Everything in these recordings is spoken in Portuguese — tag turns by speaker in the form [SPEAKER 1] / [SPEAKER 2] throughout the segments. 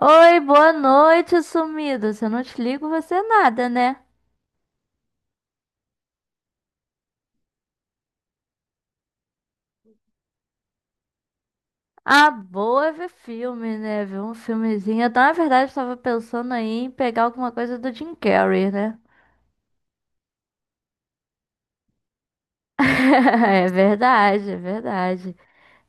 [SPEAKER 1] Oi, boa noite, sumido. Se eu não te ligo, você é nada, né? Ah, boa é ver filme, né? Ver um filmezinho. Na verdade, tava pensando aí em pegar alguma coisa do Jim Carrey, né? É verdade, é verdade.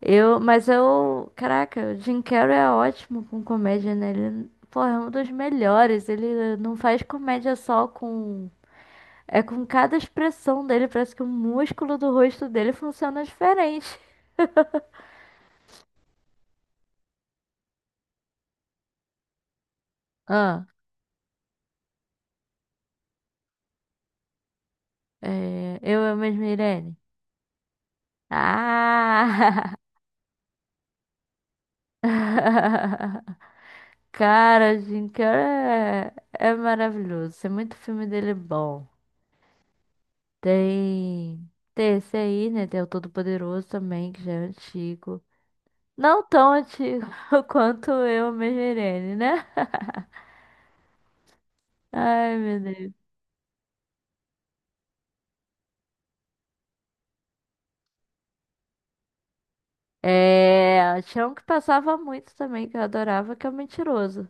[SPEAKER 1] Mas eu, caraca, o Jim Carrey é ótimo com comédia, né? Ele, porra, é um dos melhores. Ele não faz comédia é com cada expressão dele, parece que o músculo do rosto dele funciona diferente. Ah. É, eu mesma, Irene. Ah! Cara, Jim Carrey é maravilhoso. Tem muito filme dele bom. Tem, tem esse aí, né? Tem o Todo-Poderoso também, que já é antigo. Não tão antigo quanto eu mesma, Irene, né? Ai, meu Deus. É, tinha um que passava muito também, que eu adorava, que é o Mentiroso.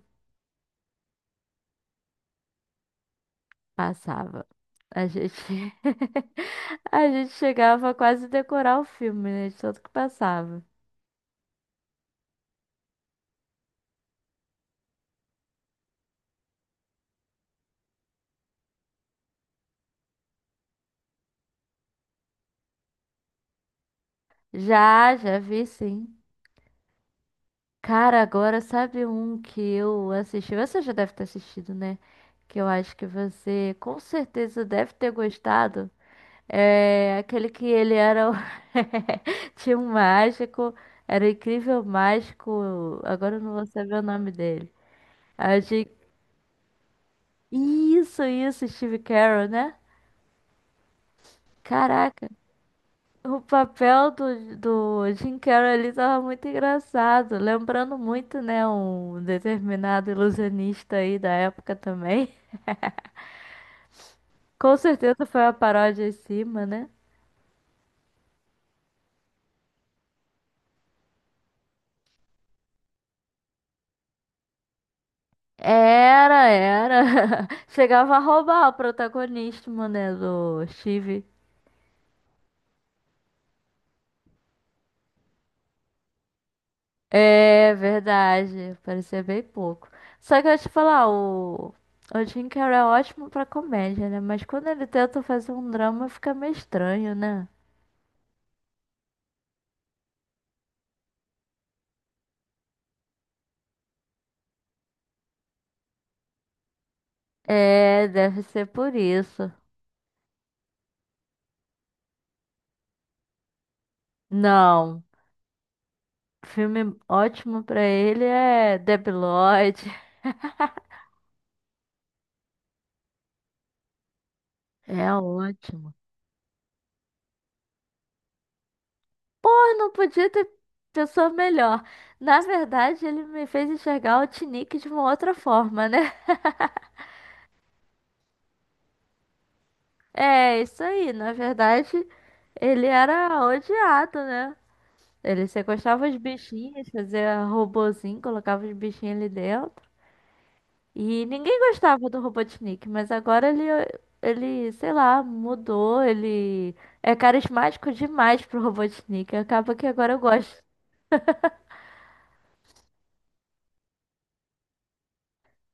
[SPEAKER 1] Passava. A gente, a gente chegava a quase decorar o filme, né? De tanto que passava. Já vi, sim. Cara, agora sabe um que eu assisti? Você já deve ter assistido, né? Que eu acho que você com certeza deve ter gostado. É aquele que ele era. O- Tinha um mágico, era o incrível mágico. Agora eu não vou saber o nome dele. A gente... Isso, Steve Carell, né? Caraca. O papel do Jim Carrey ali tava muito engraçado, lembrando muito, né, um determinado ilusionista aí da época também. Com certeza foi uma paródia em cima, né? Era, era. Chegava a roubar o protagonismo, né, do Steve. É verdade, parecia bem pouco. Só que eu ia te falar, o Jim Carrey é ótimo pra comédia, né? Mas quando ele tenta fazer um drama fica meio estranho, né? É, deve ser por isso. Não, filme ótimo pra ele é Debi Lloyd. É ótimo. Pô, não podia ter pessoa melhor. Na verdade, ele me fez enxergar o Tinique de uma outra forma, né? É, isso aí. Na verdade, ele era odiado, né? Ele sequestava os bichinhos, fazia robozinho, colocava os bichinhos ali dentro. E ninguém gostava do Robotnik, mas agora ele, sei lá, mudou, ele é carismático demais pro Robotnik. Acaba que agora eu gosto.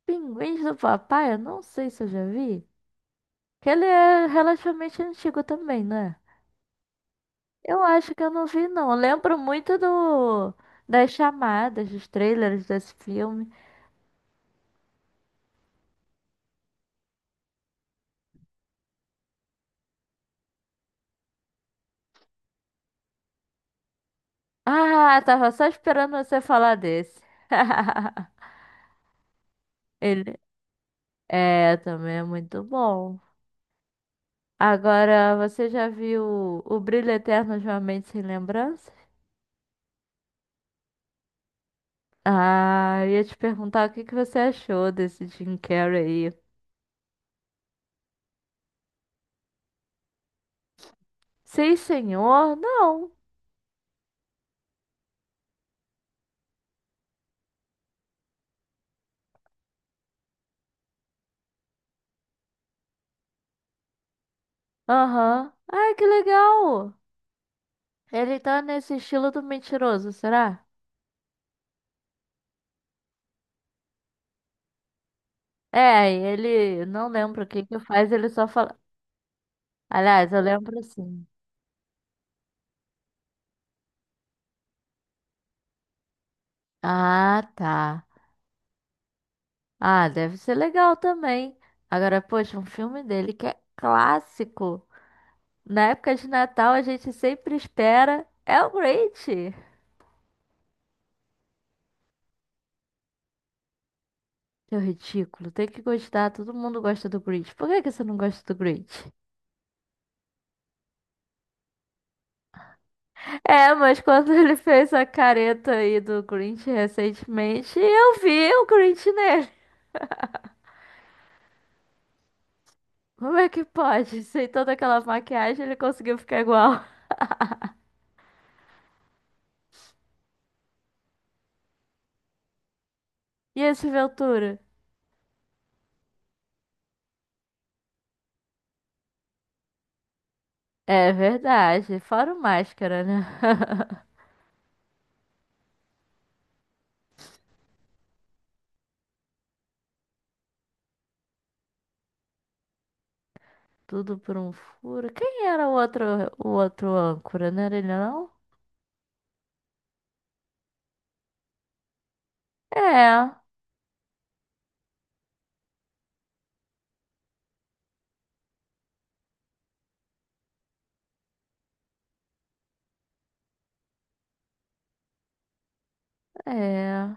[SPEAKER 1] Pinguins do Papai, eu não sei se eu já vi. Que ele é relativamente antigo também, né? Eu acho que eu não vi, não. Eu lembro muito do das chamadas, dos trailers desse filme. Ah, tava só esperando você falar desse. Ele é também é muito bom. Agora, você já viu O Brilho Eterno de uma Mente Sem Lembrança? Ah, eu ia te perguntar o que que você achou desse Jim Carrey aí. Sim, senhor? Não. Aham. Ai, que legal. Ele tá nesse estilo do mentiroso, será? É, ele não lembra o que que faz, ele só fala. Aliás, eu lembro sim. Ah, tá. Ah, deve ser legal também. Agora, poxa, um filme dele que é clássico. Na época de Natal, a gente sempre espera. É o Grinch! É ridículo, tem que gostar. Todo mundo gosta do Grinch. Por que que você não gosta do Grinch? É, mas quando ele fez a careta aí do Grinch recentemente, eu vi o Grinch nele. Como é que pode? Sem toda aquela maquiagem, ele conseguiu ficar igual. E esse Ventura? É verdade, fora o máscara, né? Tudo por um furo. Quem era o outro âncora? Não era ele, não? É, é.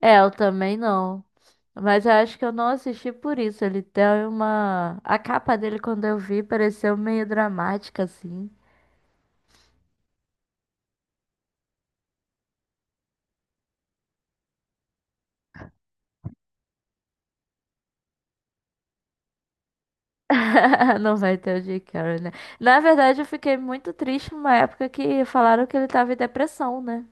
[SPEAKER 1] É, eu também não. Mas eu acho que eu não assisti por isso. Ele tem uma. A capa dele, quando eu vi, pareceu meio dramática, assim. Não vai ter o Jim Carrey, né? Na verdade, eu fiquei muito triste numa época que falaram que ele tava em depressão, né?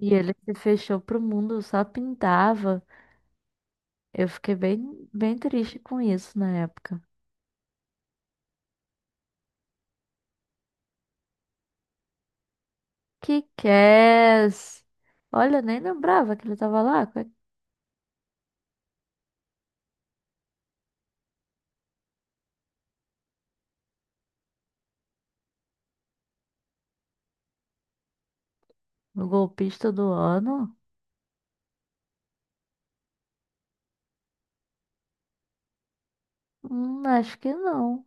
[SPEAKER 1] E ele se fechou pro mundo, só pintava. Eu fiquei bem triste com isso na época. Que Kick-Ass! Olha, eu nem lembrava que ele tava lá. Qual é- O golpista do ano? Acho que não.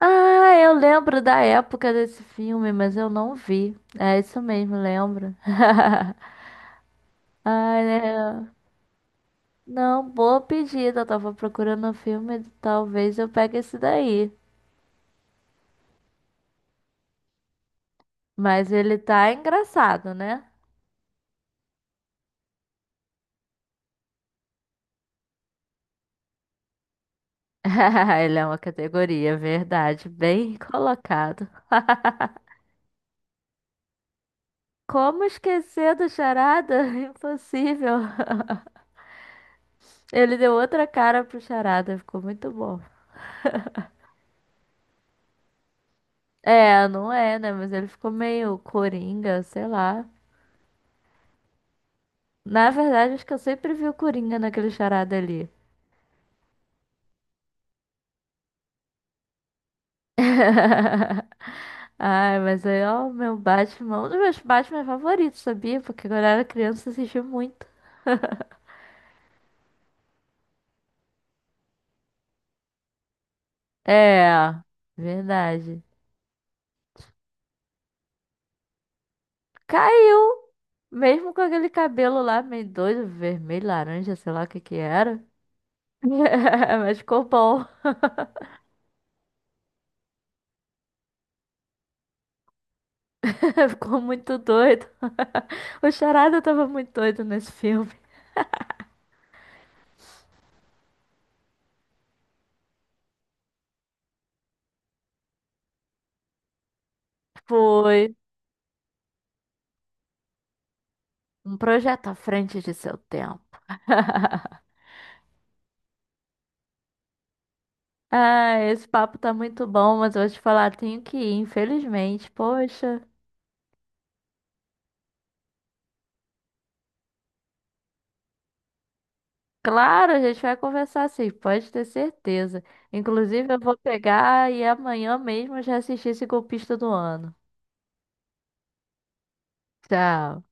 [SPEAKER 1] Ah, eu lembro da época desse filme, mas eu não vi. É isso mesmo, lembro. Ai, né? Não, boa pedida. Eu tava procurando um filme, talvez eu pegue esse daí. Mas ele tá engraçado, né? Ele é uma categoria, verdade. Bem colocado. Como esquecer do Charada? Impossível. Ele deu outra cara pro Charada, ficou muito bom. É, não é, né? Mas ele ficou meio coringa, sei lá. Na verdade, acho que eu sempre vi o Coringa naquele charada ali. Ai, mas aí, ó, o meu Batman, um dos meus Batman favoritos, sabia? Porque quando eu era criança eu assistia muito. É, verdade. Caiu! Mesmo com aquele cabelo lá meio doido, vermelho, laranja, sei lá o que que era. Mas ficou bom. Ficou muito doido. O Charada tava muito doido nesse filme. Foi um projeto à frente de seu tempo. Ah, esse papo tá muito bom, mas eu vou te falar, tenho que ir, infelizmente. Poxa. Claro, a gente vai conversar sim, pode ter certeza. Inclusive, eu vou pegar e amanhã mesmo eu já assistir esse golpista do ano. Tchau.